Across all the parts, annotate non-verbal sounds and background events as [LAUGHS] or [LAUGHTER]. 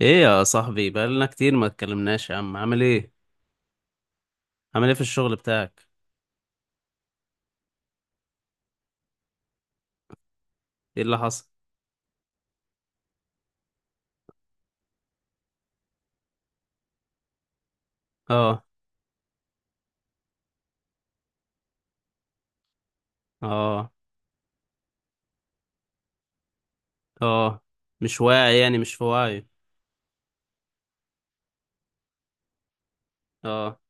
ايه يا صاحبي، بقالنا كتير ما اتكلمناش. يا عم عامل ايه؟ عامل ايه في الشغل بتاعك؟ ايه اللي حصل؟ اه، اه، اه. مش واعي يعني، مش في وعي؟ اه.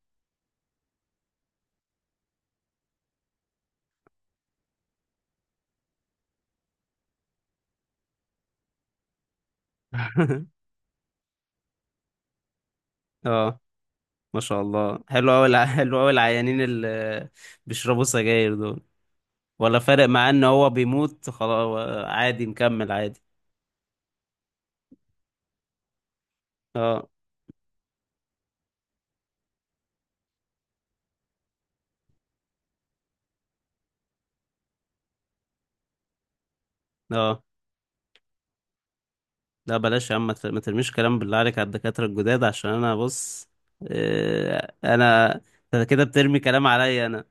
[LAUGHS] اه، ما شاء الله، حلو قوي العيانين اللي بيشربوا سجاير دول. ولا فارق معاه ان هو بيموت خلاص؟ عادي، مكمل عادي. اه، اه، لا بلاش يا عم، ما ترميش كلام بالله عليك على الدكاترة الجداد عشان انا بص. انا، انت كده بترمي كلام عليا انا.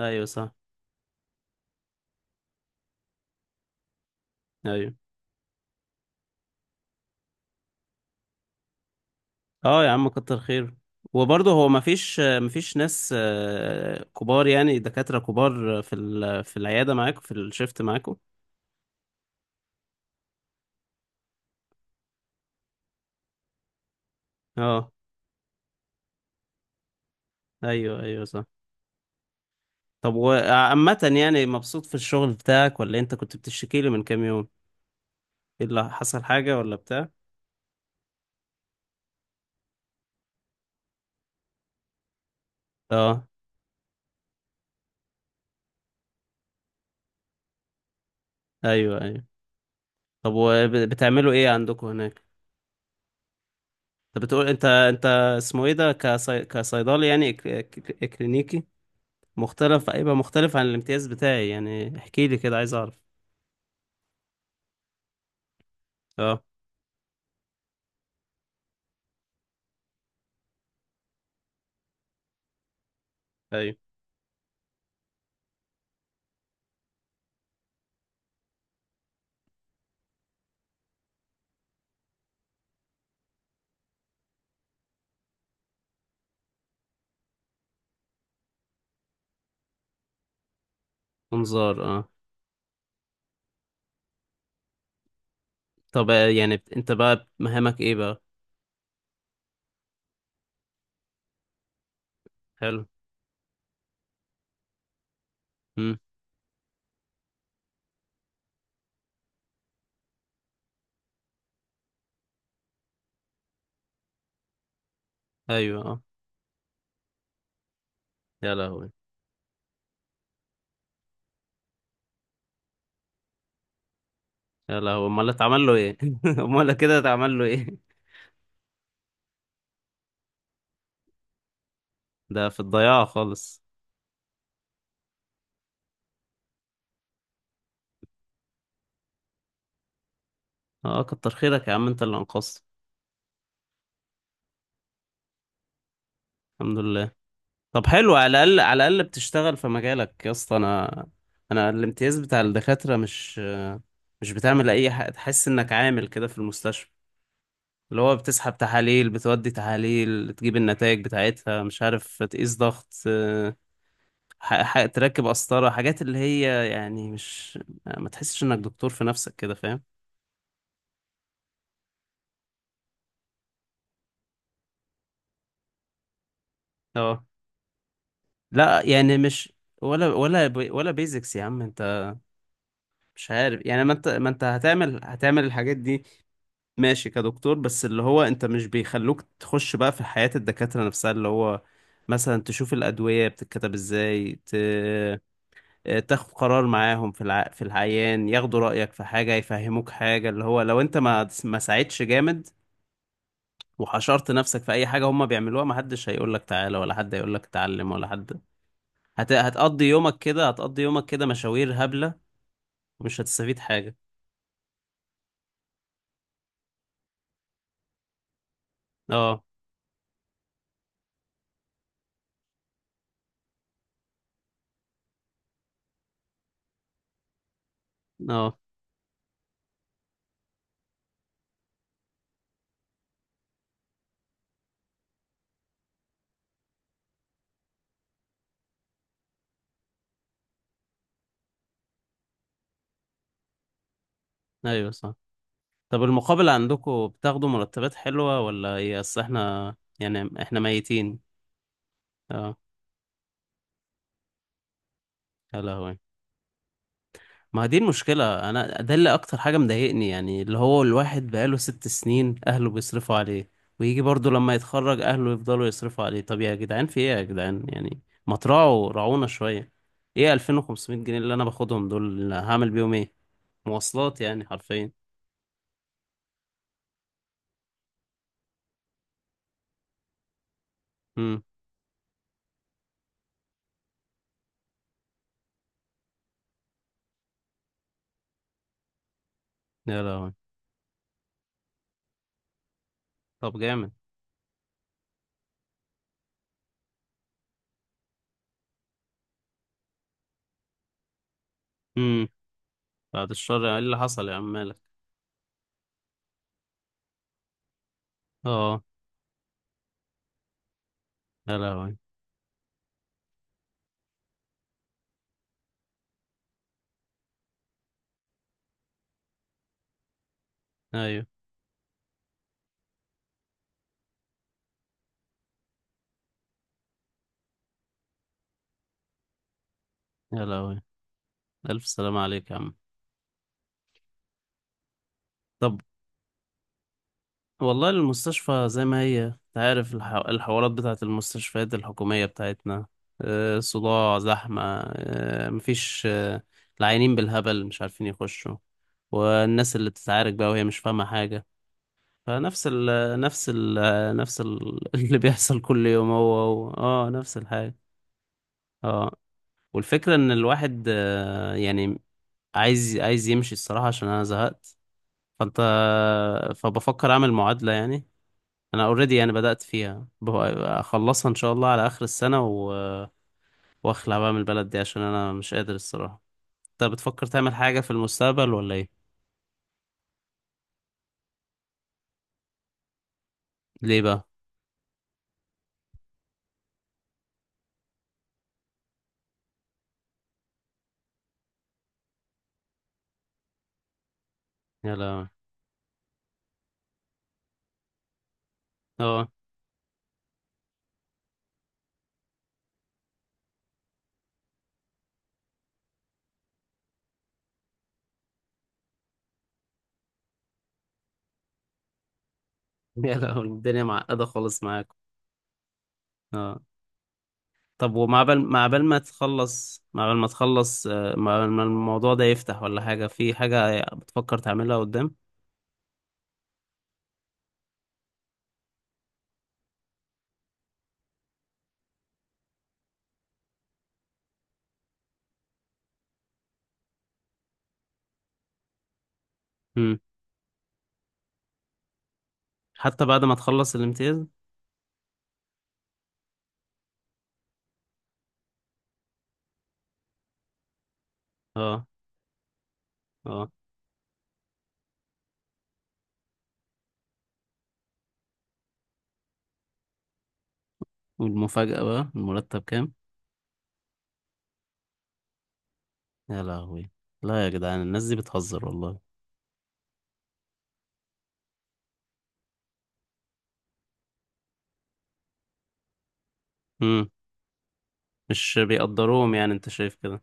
ايوه صح، ايوه. اه يا عم، كتر خير. وبرضه هو مفيش ناس كبار يعني، دكاترة كبار في في العيادة معاكم، في الشيفت معاكم. اه. ايوه، ايوه، صح. طب وعامة يعني مبسوط في الشغل بتاعك ولا انت كنت بتشتكي لي من كام يوم؟ ايه اللي حصل؟ حاجة ولا بتاع؟ اه. ايوه، ايوه. طب وبتعملوا ايه عندكم هناك؟ طب بتقول انت اسمه ايه ده، كصيدلي يعني، كلينيكي. مختلف، هيبقى مختلف عن الامتياز بتاعي؟ يعني احكي لي كده، عايز اعرف. اه. ايوه. انظار، اه. طب، يعني انت بقى مهامك ايه بقى؟ حلو. امم. ايوه. اه. يا لهوي. يا لهوي، امال اتعمل له ايه؟ [LAUGHS] امال كده اتعمل له ايه؟ ده في الضياع خالص. اه، كتر خيرك يا عم، انت اللي انقذت. الحمد لله. طب حلو، على الاقل بتشتغل في مجالك يا اسطى. انا الامتياز بتاع الدكاترة مش بتعمل اي حاجة تحس انك عامل كده في المستشفى، اللي هو بتسحب تحاليل، بتودي تحاليل، تجيب النتائج بتاعتها، مش عارف، تقيس ضغط، تركب قسطرة، حاجات اللي هي يعني مش، ما تحسش انك دكتور في نفسك كده، فاهم؟ اه. لا يعني مش، ولا بيزكس يا عم انت. مش عارف يعني، ما انت هتعمل الحاجات دي ماشي كدكتور، بس اللي هو انت مش بيخلوك تخش بقى في حياة الدكاترة نفسها، اللي هو مثلا تشوف الأدوية بتتكتب ازاي، تاخد قرار معاهم في في العيان، ياخدوا رأيك في حاجة، يفهموك حاجة، اللي هو لو انت ما ساعدتش جامد، وحشرت نفسك في اي حاجه هم بيعملوها، محدش هيقول لك تعالى، ولا حد هيقول لك اتعلم، ولا حد. هتقضي يومك كده، مشاوير هبله، ومش هتستفيد حاجه. اه. اه، ايوه صح. طب المقابل عندكم بتاخدوا مرتبات حلوه ولا ايه؟ اصل احنا يعني احنا ميتين. اه. يا لهوي. ما دي المشكلة، أنا ده اللي أكتر حاجة مضايقني، يعني اللي هو الواحد بقاله 6 سنين أهله بيصرفوا عليه، ويجي برضه لما يتخرج أهله يفضلوا يصرفوا عليه. طب يا جدعان في إيه يا جدعان يعني؟ ما تراعوا، راعونا شوية. إيه 2500 جنيه اللي أنا باخدهم دول؟ اللي هعمل بيهم إيه؟ مواصلات يعني، حرفيا. امم. يا لهوي. طب جامد. امم. بعد الشر، إيه اللي حصل يا عم مالك؟ أه. يا لهوي. أيوه. يا لهوي. ألف سلامة عليك يا عم. طب والله المستشفى زي ما هي، انت عارف الحوارات بتاعت المستشفيات الحكومية بتاعتنا. صداع، زحمة. مفيش. العيانين بالهبل مش عارفين يخشوا، والناس اللي بتتعارك بقى وهي مش فاهمة حاجة. فنفس ال نفس ال نفس ال [LAUGHS] اللي بيحصل كل يوم هو اه، نفس الحاجة. اه. والفكرة ان الواحد يعني عايز يمشي الصراحة عشان انا زهقت. فانت فبفكر اعمل معادلة يعني. انا اوريدي، انا بدأت فيها اخلصها ان شاء الله على اخر السنة واخلع بقى من البلد دي عشان انا مش قادر الصراحة. انت بتفكر تعمل حاجة في المستقبل ولا ايه؟ ليه بقى؟ يلا. اه. [LAUGHS] يلا الدنيا معقدة خالص معاك. اه. طب، ومع بال ما تخلص، مع بال ما الموضوع ده يفتح ولا حاجة، في حاجة بتفكر تعملها قدام؟ امم. حتى بعد ما تخلص الامتياز؟ اه. اه. والمفاجأة بقى المرتب كام؟ يا لهوي. لا يا جدعان، الناس دي بتهزر والله. امم. مش بيقدروهم يعني، انت شايف كده؟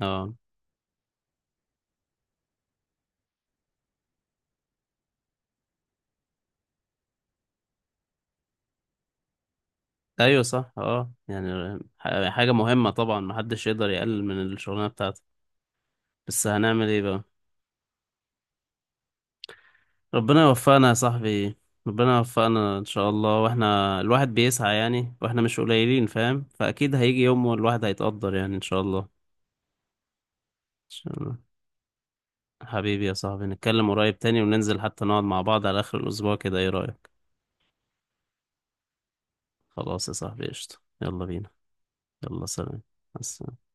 اه. ايوه صح. اه، يعني حاجة مهمة طبعا، محدش يقدر يقلل من الشغلانة بتاعته. بس هنعمل ايه بقى؟ ربنا يوفقنا يا صاحبي. ربنا يوفقنا ان شاء الله، واحنا الواحد بيسعى يعني، واحنا مش قليلين فاهم، فاكيد هيجي يوم والواحد هيتقدر يعني، ان شاء الله. إن شاء الله. حبيبي يا صاحبي، نتكلم قريب تاني، وننزل حتى نقعد مع بعض على اخر الاسبوع كده، ايه رأيك؟ خلاص يا صاحبي قشطة. يلا بينا. يلا، سلام. مع السلامة.